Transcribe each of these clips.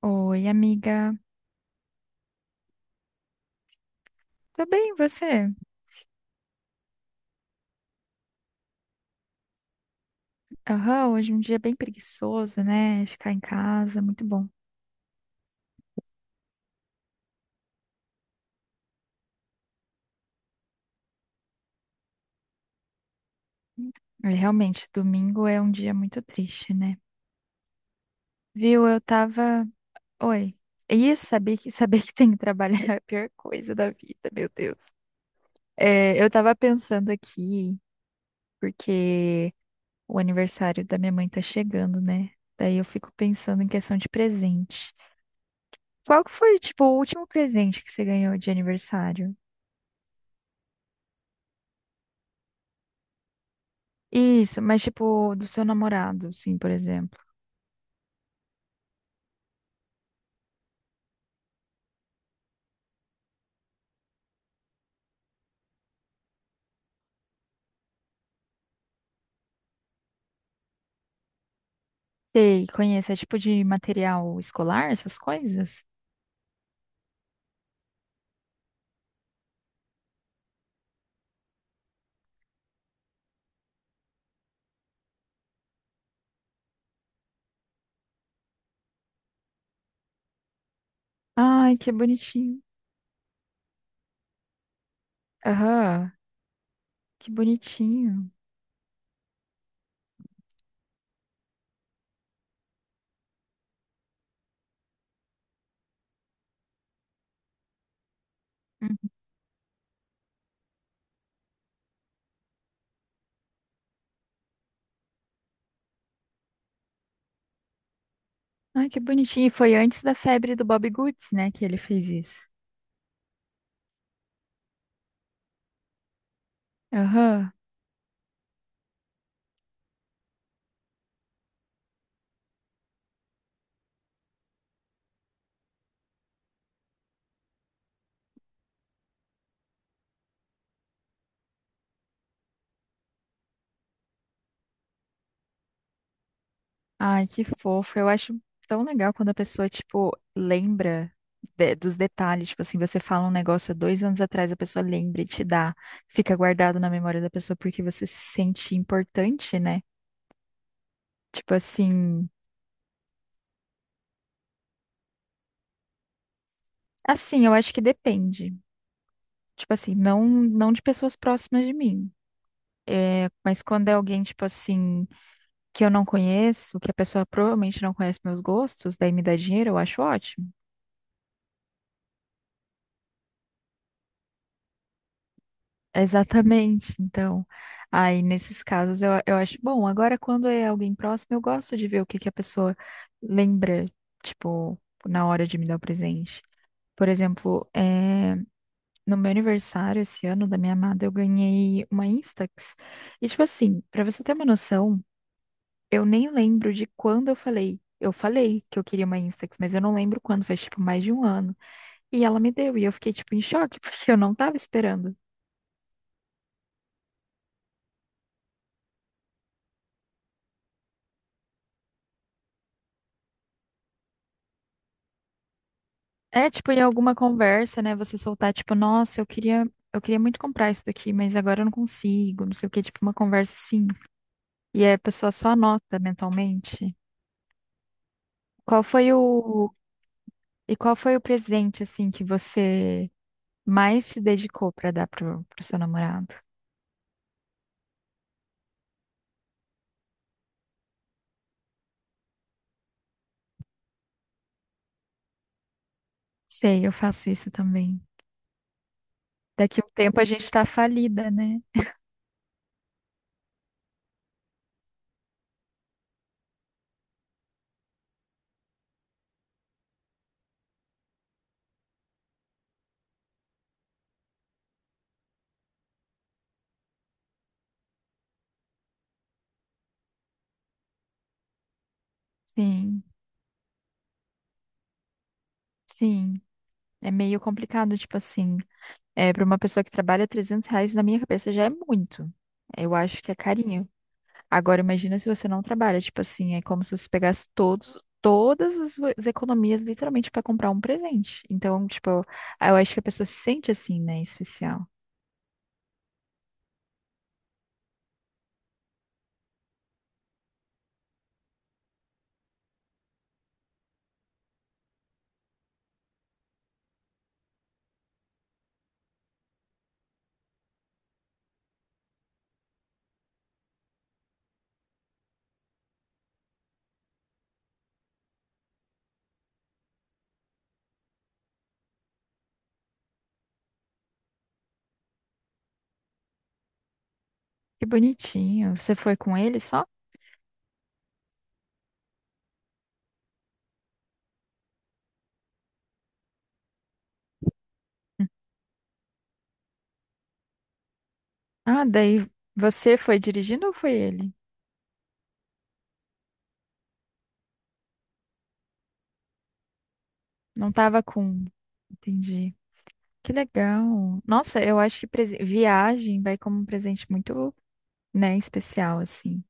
Oi, amiga. Tô bem, e você? Aham, hoje é um dia bem preguiçoso, né? Ficar em casa, muito bom. É, realmente, domingo é um dia muito triste, né? Viu, eu tava. Oi. E saber que tem que trabalhar é a pior coisa da vida, meu Deus. É, eu tava pensando aqui, porque o aniversário da minha mãe tá chegando, né? Daí eu fico pensando em questão de presente. Qual que foi, tipo, o último presente que você ganhou de aniversário? Isso, mas tipo, do seu namorado, sim, por exemplo. Sei, conhece, é tipo de material escolar, essas coisas? Ai, que bonitinho. Aham, que bonitinho. Uhum. Ai, que bonitinho. E foi antes da febre do Bob Goods, né, que ele fez isso. Aham. Ai, que fofo. Eu acho tão legal quando a pessoa, tipo, lembra dos detalhes. Tipo assim, você fala um negócio há 2 anos atrás, a pessoa lembra e te dá. Fica guardado na memória da pessoa porque você se sente importante, né? Tipo assim, eu acho que depende. Tipo assim, não não de pessoas próximas de mim. É, mas quando é alguém, tipo assim, que eu não conheço, que a pessoa provavelmente não conhece meus gostos, daí me dá dinheiro, eu acho ótimo. Exatamente. Então, aí nesses casos eu acho bom. Agora, quando é alguém próximo, eu gosto de ver o que que a pessoa lembra, tipo, na hora de me dar o presente. Por exemplo, é, no meu aniversário esse ano da minha amada, eu ganhei uma Instax. E tipo assim, pra você ter uma noção, eu nem lembro de quando eu falei. Eu falei que eu queria uma Instax, mas eu não lembro quando, faz tipo mais de um ano. E ela me deu, e eu fiquei tipo em choque, porque eu não tava esperando. É tipo em alguma conversa, né, você soltar tipo, nossa, eu queria muito comprar isso daqui, mas agora eu não consigo, não sei o quê, tipo uma conversa assim. E aí a pessoa só anota mentalmente. Qual foi o e qual foi o presente assim que você mais se dedicou para dar pro seu namorado. Sei, eu faço isso também. Daqui a um tempo a gente tá falida, né? Sim, sim. É meio complicado, tipo assim. É, para uma pessoa que trabalha R$ 300, na minha cabeça já é muito. Eu acho que é carinho. Agora, imagina se você não trabalha, tipo assim, é como se você pegasse todas as economias, literalmente, para comprar um presente. Então, tipo, eu acho que a pessoa se sente assim, né? Especial. Que bonitinho. Você foi com ele só? Ah, daí você foi dirigindo ou foi ele? Não tava com. Entendi. Que legal. Nossa, eu acho que viagem vai como um presente muito, né, especial, assim.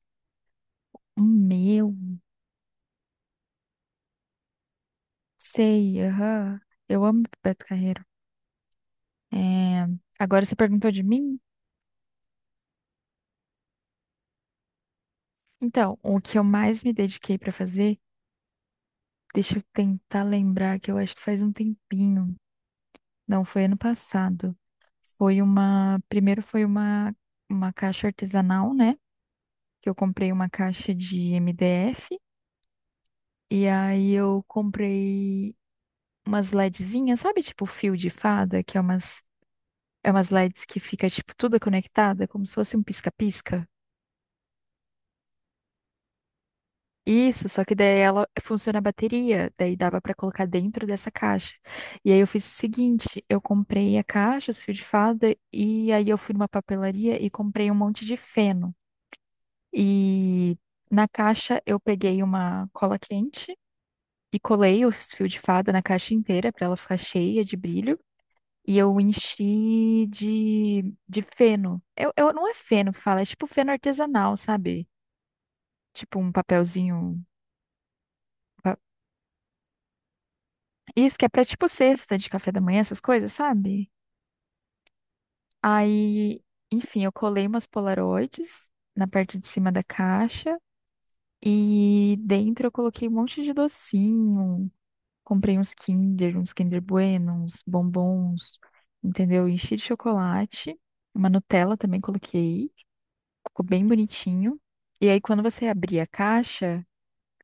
O meu. Sei, aham. Eu amo Beto Carreiro. É. Agora você perguntou de mim? Então, o que eu mais me dediquei pra fazer, deixa eu tentar lembrar, que eu acho que faz um tempinho. Não, foi ano passado. Foi uma. Primeiro foi uma caixa artesanal, né? Que eu comprei uma caixa de MDF e aí eu comprei umas LEDzinhas, sabe, tipo fio de fada, que é umas LEDs que fica tipo tudo conectada, como se fosse um pisca-pisca. Isso, só que daí ela funciona a bateria, daí dava pra colocar dentro dessa caixa. E aí eu fiz o seguinte, eu comprei a caixa, os fios de fada, e aí eu fui numa papelaria e comprei um monte de feno. E na caixa eu peguei uma cola quente e colei os fios de fada na caixa inteira para ela ficar cheia de brilho. E eu enchi de feno. Não é feno que fala, é tipo feno artesanal, sabe? Tipo um papelzinho. pa- Isso que é pra tipo cesta de café da manhã, essas coisas, sabe? Aí, enfim, eu colei umas polaroides na parte de cima da caixa. E dentro eu coloquei um monte de docinho. Comprei uns Kinder Bueno, uns bombons, entendeu? Enchi de chocolate, uma Nutella também coloquei, ficou bem bonitinho. E aí, quando você abria a caixa,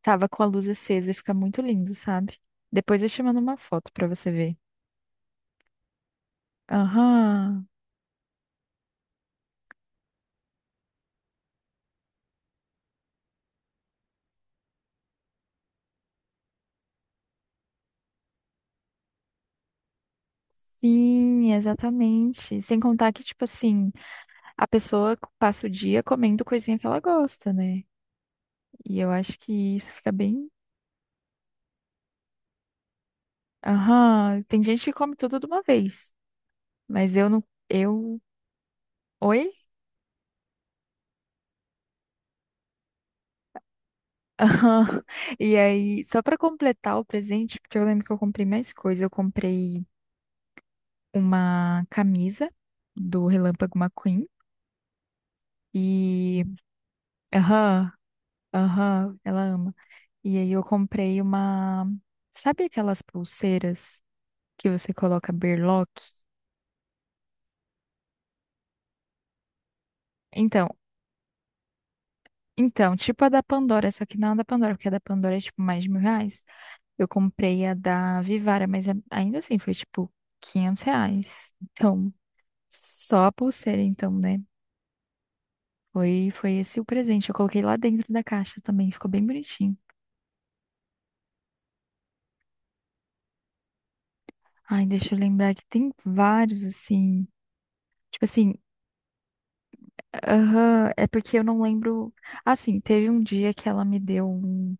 tava com a luz acesa e fica muito lindo, sabe? Depois eu te mando uma foto pra você ver. Aham. Sim, exatamente. Sem contar que, tipo assim, a pessoa passa o dia comendo coisinha que ela gosta, né? E eu acho que isso fica bem. Aham. Tem gente que come tudo de uma vez. Mas eu não. Eu. Oi? Aham. E aí, só pra completar o presente, porque eu lembro que eu comprei mais coisas. Eu comprei uma camisa do Relâmpago McQueen. E. Aham, aham, ela ama. E aí, eu comprei uma. Sabe aquelas pulseiras que você coloca berlock? Então, Então, tipo a da Pandora, só que não a da Pandora, porque a da Pandora é tipo mais de R$ 1.000. Eu comprei a da Vivara, mas ainda assim foi tipo R$ 500. Então, só a pulseira, então, né? Foi esse o presente. Eu coloquei lá dentro da caixa também, ficou bem bonitinho. Ai, deixa eu lembrar que tem vários, assim. Tipo assim, aham, é porque eu não lembro. Assim, teve um dia que ela me deu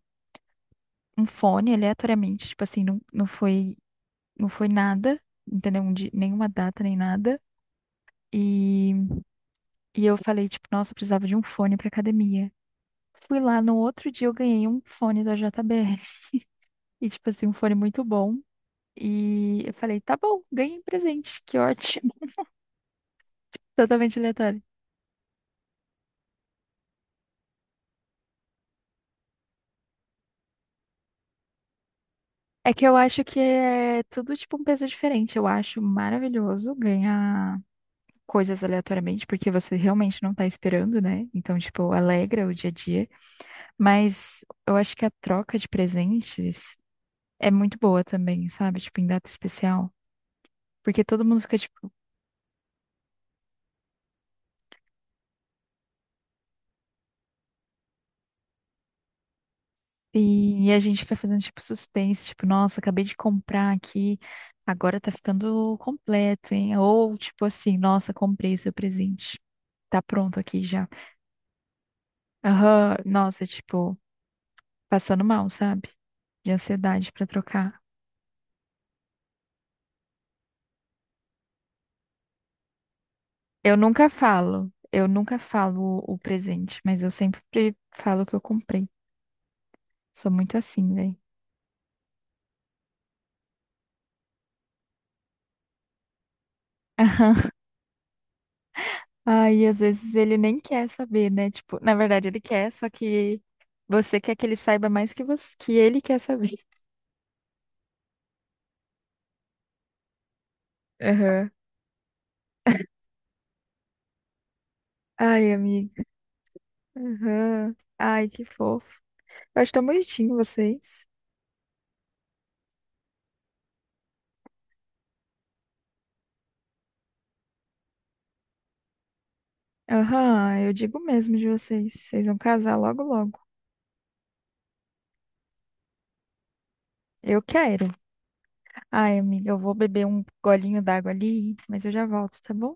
um fone aleatoriamente, tipo assim, não, não foi nada, entendeu? Nenhuma data, nem nada. E, e eu falei, tipo, nossa, eu precisava de um fone pra academia. Fui lá no outro dia, eu ganhei um fone da JBL. E, tipo assim, um fone muito bom. E eu falei, tá bom, ganhei um presente, que ótimo. Totalmente aleatório. É que eu acho que é tudo, tipo, um peso diferente. Eu acho maravilhoso ganhar coisas aleatoriamente, porque você realmente não tá esperando, né? Então, tipo, alegra o dia a dia. Mas eu acho que a troca de presentes é muito boa também, sabe? Tipo, em data especial. Porque todo mundo fica, tipo, e a gente fica fazendo, tipo, suspense, tipo, nossa, acabei de comprar aqui, agora tá ficando completo, hein? Ou, tipo assim, nossa, comprei o seu presente, tá pronto aqui já. Aham, nossa, tipo, passando mal, sabe? De ansiedade pra trocar. Eu nunca falo o presente, mas eu sempre falo o que eu comprei. Sou muito assim, velho. Ai, às vezes ele nem quer saber, né? Tipo, na verdade ele quer, só que você quer que ele saiba mais que você, que ele quer saber. Aham. Ai, amiga. Aham. Ai, que fofo. Eu acho tão bonitinho vocês. Aham, eu digo mesmo de vocês. Vocês vão casar logo, logo. Eu quero. Ai, amiga, eu vou beber um golinho d'água ali, mas eu já volto, tá bom?